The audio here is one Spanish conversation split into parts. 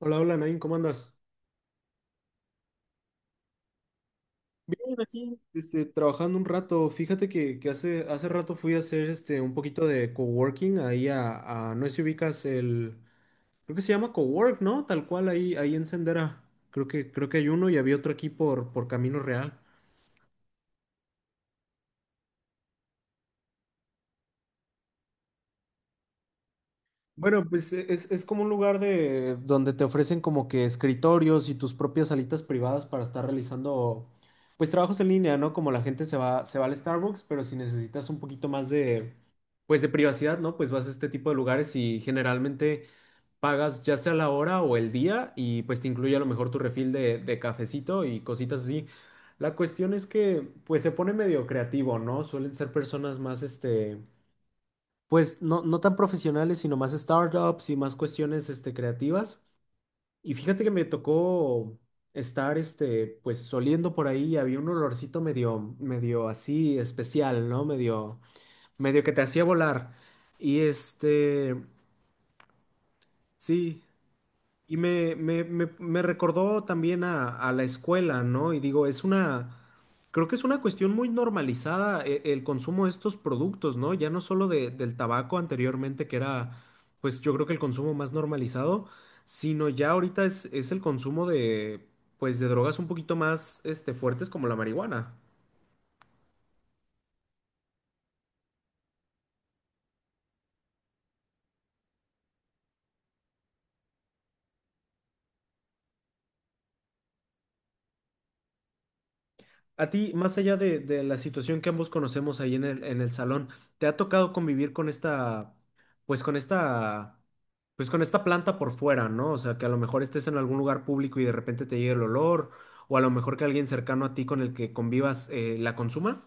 Hola, hola, Nain, ¿cómo andas? Bien, aquí, trabajando un rato. Fíjate que hace rato fui a hacer un poquito de coworking ahí a no sé si ubicas el, creo que se llama cowork, ¿no? Tal cual ahí en Sendera. Creo que hay uno y había otro aquí por Camino Real. Bueno, pues es como un lugar de donde te ofrecen como que escritorios y tus propias salitas privadas para estar realizando pues trabajos en línea, ¿no? Como la gente se va al Starbucks, pero si necesitas un poquito más de pues de privacidad, ¿no? Pues vas a este tipo de lugares y generalmente pagas ya sea la hora o el día y pues te incluye a lo mejor tu refil de cafecito y cositas así. La cuestión es que pues se pone medio creativo, ¿no? Suelen ser personas más pues no, no tan profesionales, sino más startups y más cuestiones creativas. Y fíjate que me tocó estar pues oliendo por ahí y había un olorcito medio así especial, ¿no? Medio que te hacía volar. Y sí, y me recordó también a la escuela, ¿no? Y digo, es una, creo que es una cuestión muy normalizada el consumo de estos productos, ¿no? Ya no solo del tabaco anteriormente, que era, pues yo creo que el consumo más normalizado, sino ya ahorita es el consumo de, pues de drogas un poquito más, fuertes como la marihuana. A ti, más allá de la situación que ambos conocemos ahí en el salón, ¿te ha tocado convivir con esta, pues con esta, pues con esta planta por fuera, ¿no? O sea, que a lo mejor estés en algún lugar público y de repente te llegue el olor, o a lo mejor que alguien cercano a ti con el que convivas la consuma.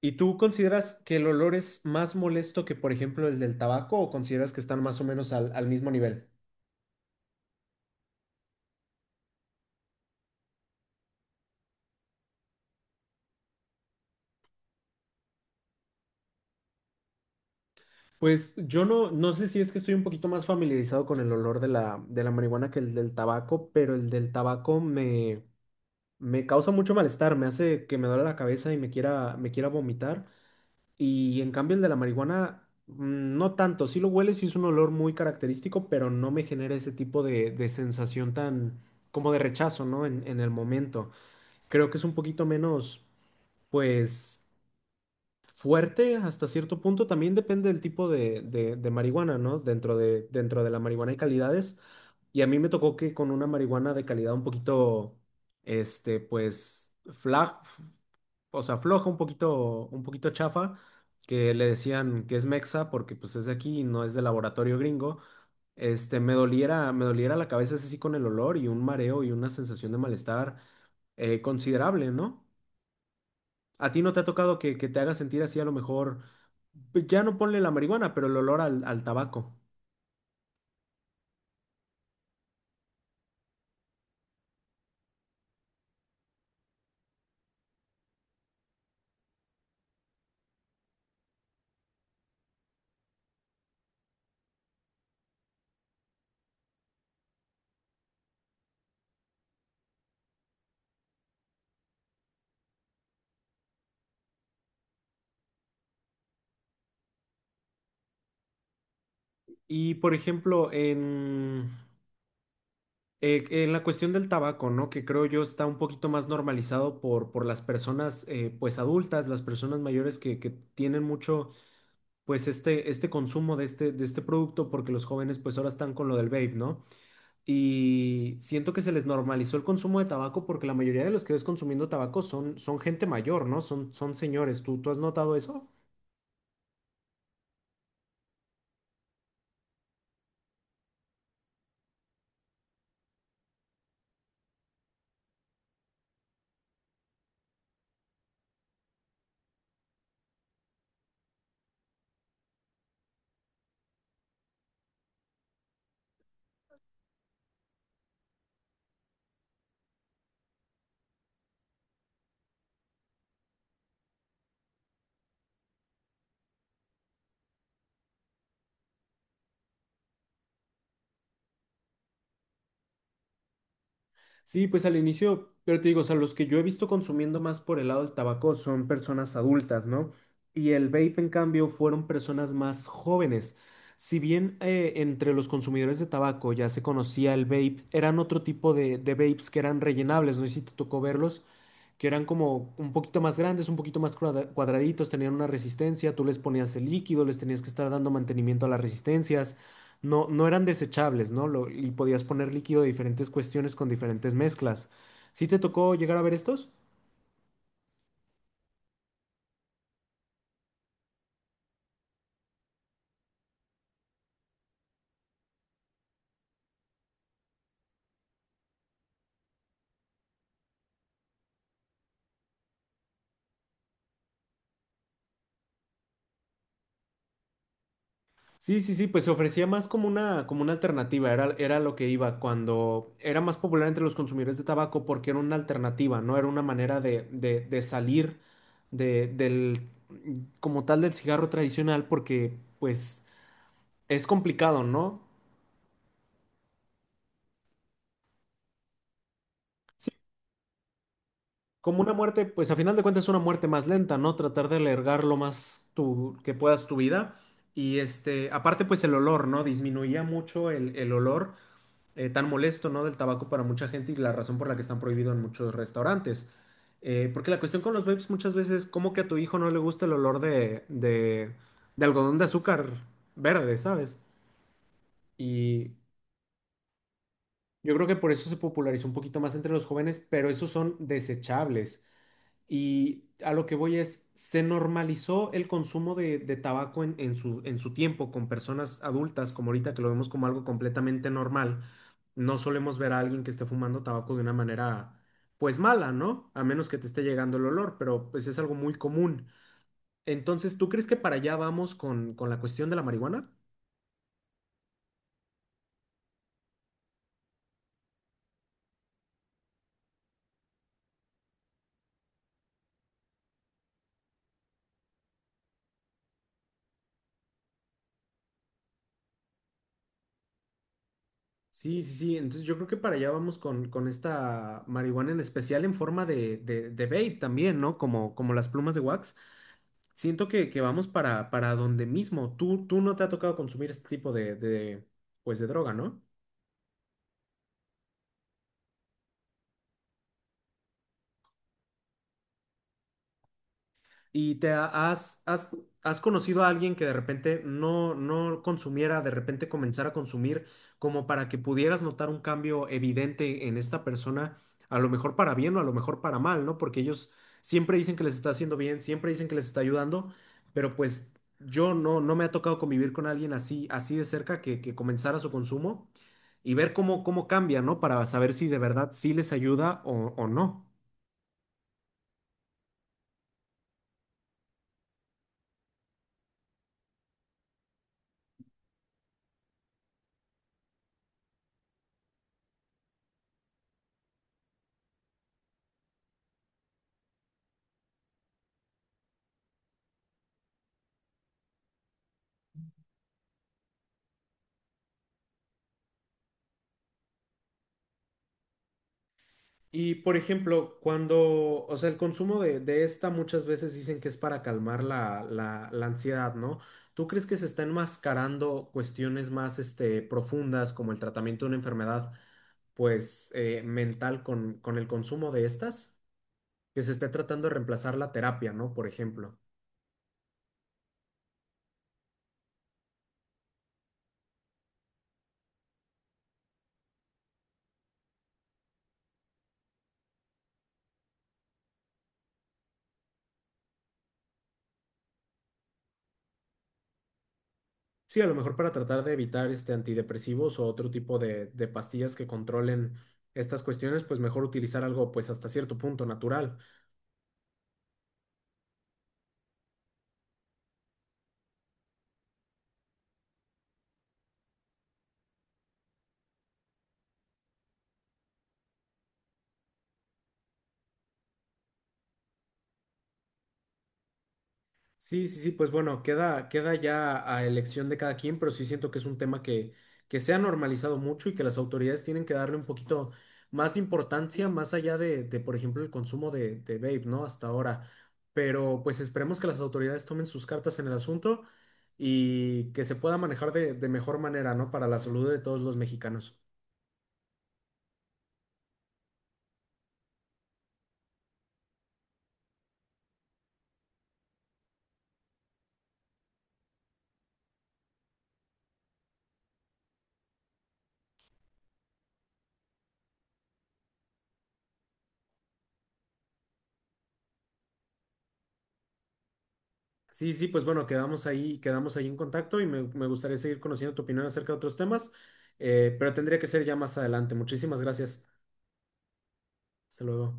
¿Y tú consideras que el olor es más molesto que, por ejemplo, el del tabaco o consideras que están más o menos al mismo nivel? Pues yo no, no sé si es que estoy un poquito más familiarizado con el olor de la marihuana que el del tabaco, pero el del tabaco me causa mucho malestar, me hace que me duele la cabeza y me quiera vomitar. Y en cambio el de la marihuana, no tanto, sí lo huele, sí es un olor muy característico, pero no me genera ese tipo de sensación tan como de rechazo, ¿no? En el momento. Creo que es un poquito menos, pues fuerte hasta cierto punto. También depende del tipo de marihuana, ¿no? Dentro de la marihuana hay calidades. Y a mí me tocó que con una marihuana de calidad un poquito, pues, flag, o sea, floja, un poquito chafa, que le decían que es mexa porque pues es de aquí, y no es de laboratorio gringo. Me doliera la cabeza así con el olor y un mareo y una sensación de malestar considerable, ¿no? ¿A ti no te ha tocado que te haga sentir así a lo mejor, pues, ya no ponle la marihuana, pero el olor al tabaco? Y por ejemplo, en la cuestión del tabaco, ¿no? Que creo yo está un poquito más normalizado por las personas pues adultas, las personas mayores que tienen mucho pues este consumo de de este producto porque los jóvenes pues ahora están con lo del vape, ¿no? Y siento que se les normalizó el consumo de tabaco porque la mayoría de los que ves consumiendo tabaco son gente mayor, ¿no? Son señores. ¿Tú has notado eso? Sí, pues al inicio, pero te digo, o sea, los que yo he visto consumiendo más por el lado del tabaco son personas adultas, ¿no? Y el vape, en cambio, fueron personas más jóvenes. Si bien entre los consumidores de tabaco ya se conocía el vape, eran otro tipo de vapes que eran rellenables, no sé si te tocó verlos, que eran como un poquito más grandes, un poquito más cuadraditos, tenían una resistencia, tú les ponías el líquido, les tenías que estar dando mantenimiento a las resistencias. No, no eran desechables, ¿no? Lo- y podías poner líquido de diferentes cuestiones con diferentes mezclas. ¿Sí te tocó llegar a ver estos? Sí, sí, sí, pues se ofrecía más como una alternativa, era, era lo que iba cuando era más popular entre los consumidores de tabaco porque era una alternativa, ¿no? Era una manera de salir de, del, como tal del cigarro tradicional porque pues es complicado, ¿no? Como una muerte, pues a final de cuentas es una muerte más lenta, ¿no? Tratar de alargar lo más tu, que puedas tu vida. Y aparte, pues el olor, ¿no? Disminuía mucho el olor tan molesto, ¿no? Del tabaco para mucha gente y la razón por la que están prohibidos en muchos restaurantes. Porque la cuestión con los vapes muchas veces es como que a tu hijo no le gusta el olor de algodón de azúcar verde, ¿sabes? Y yo creo que por eso se popularizó un poquito más entre los jóvenes, pero esos son desechables. Y a lo que voy es, se normalizó el consumo de tabaco en su tiempo con personas adultas, como ahorita que lo vemos como algo completamente normal. No solemos ver a alguien que esté fumando tabaco de una manera, pues mala, ¿no? A menos que te esté llegando el olor, pero pues es algo muy común. Entonces, ¿tú crees que para allá vamos con la cuestión de la marihuana? Sí, sí, sí. Entonces yo creo que para allá vamos con esta marihuana en especial en forma de vape también, ¿no? Como las plumas de wax. Siento que vamos para donde mismo. Tú no te ha tocado consumir este tipo pues de droga, ¿no? ¿Y te ha- has, has, has conocido a alguien que de repente no consumiera, de repente comenzara a consumir, como para que pudieras notar un cambio evidente en esta persona, a lo mejor para bien o a lo mejor para mal, ¿no? Porque ellos siempre dicen que les está haciendo bien, siempre dicen que les está ayudando, pero pues yo no me ha tocado convivir con alguien así, así de cerca que comenzara su consumo y ver cómo cambia, ¿no? Para saber si de verdad sí les ayuda o no. Y por ejemplo, cuando, o sea, el consumo de esta muchas veces dicen que es para calmar la ansiedad, ¿no? ¿Tú crees que se está enmascarando cuestiones más, profundas como el tratamiento de una enfermedad, pues, mental con el consumo de estas? Que se esté tratando de reemplazar la terapia, ¿no? Por ejemplo. Sí, a lo mejor para tratar de evitar, antidepresivos o otro tipo de pastillas que controlen estas cuestiones, pues mejor utilizar algo, pues, hasta cierto punto natural. Sí, sí, sí, pues bueno, queda ya a elección de cada quien, pero sí siento que es un tema que se ha normalizado mucho y que las autoridades tienen que darle un poquito más importancia, más allá por ejemplo, el consumo de vape, ¿no? Hasta ahora. Pero pues esperemos que las autoridades tomen sus cartas en el asunto y que se pueda manejar de mejor manera, ¿no? Para la salud de todos los mexicanos. Sí, sí, pues bueno, quedamos ahí en contacto y me gustaría seguir conociendo tu opinión acerca de otros temas, pero tendría que ser ya más adelante. Muchísimas gracias. Hasta luego.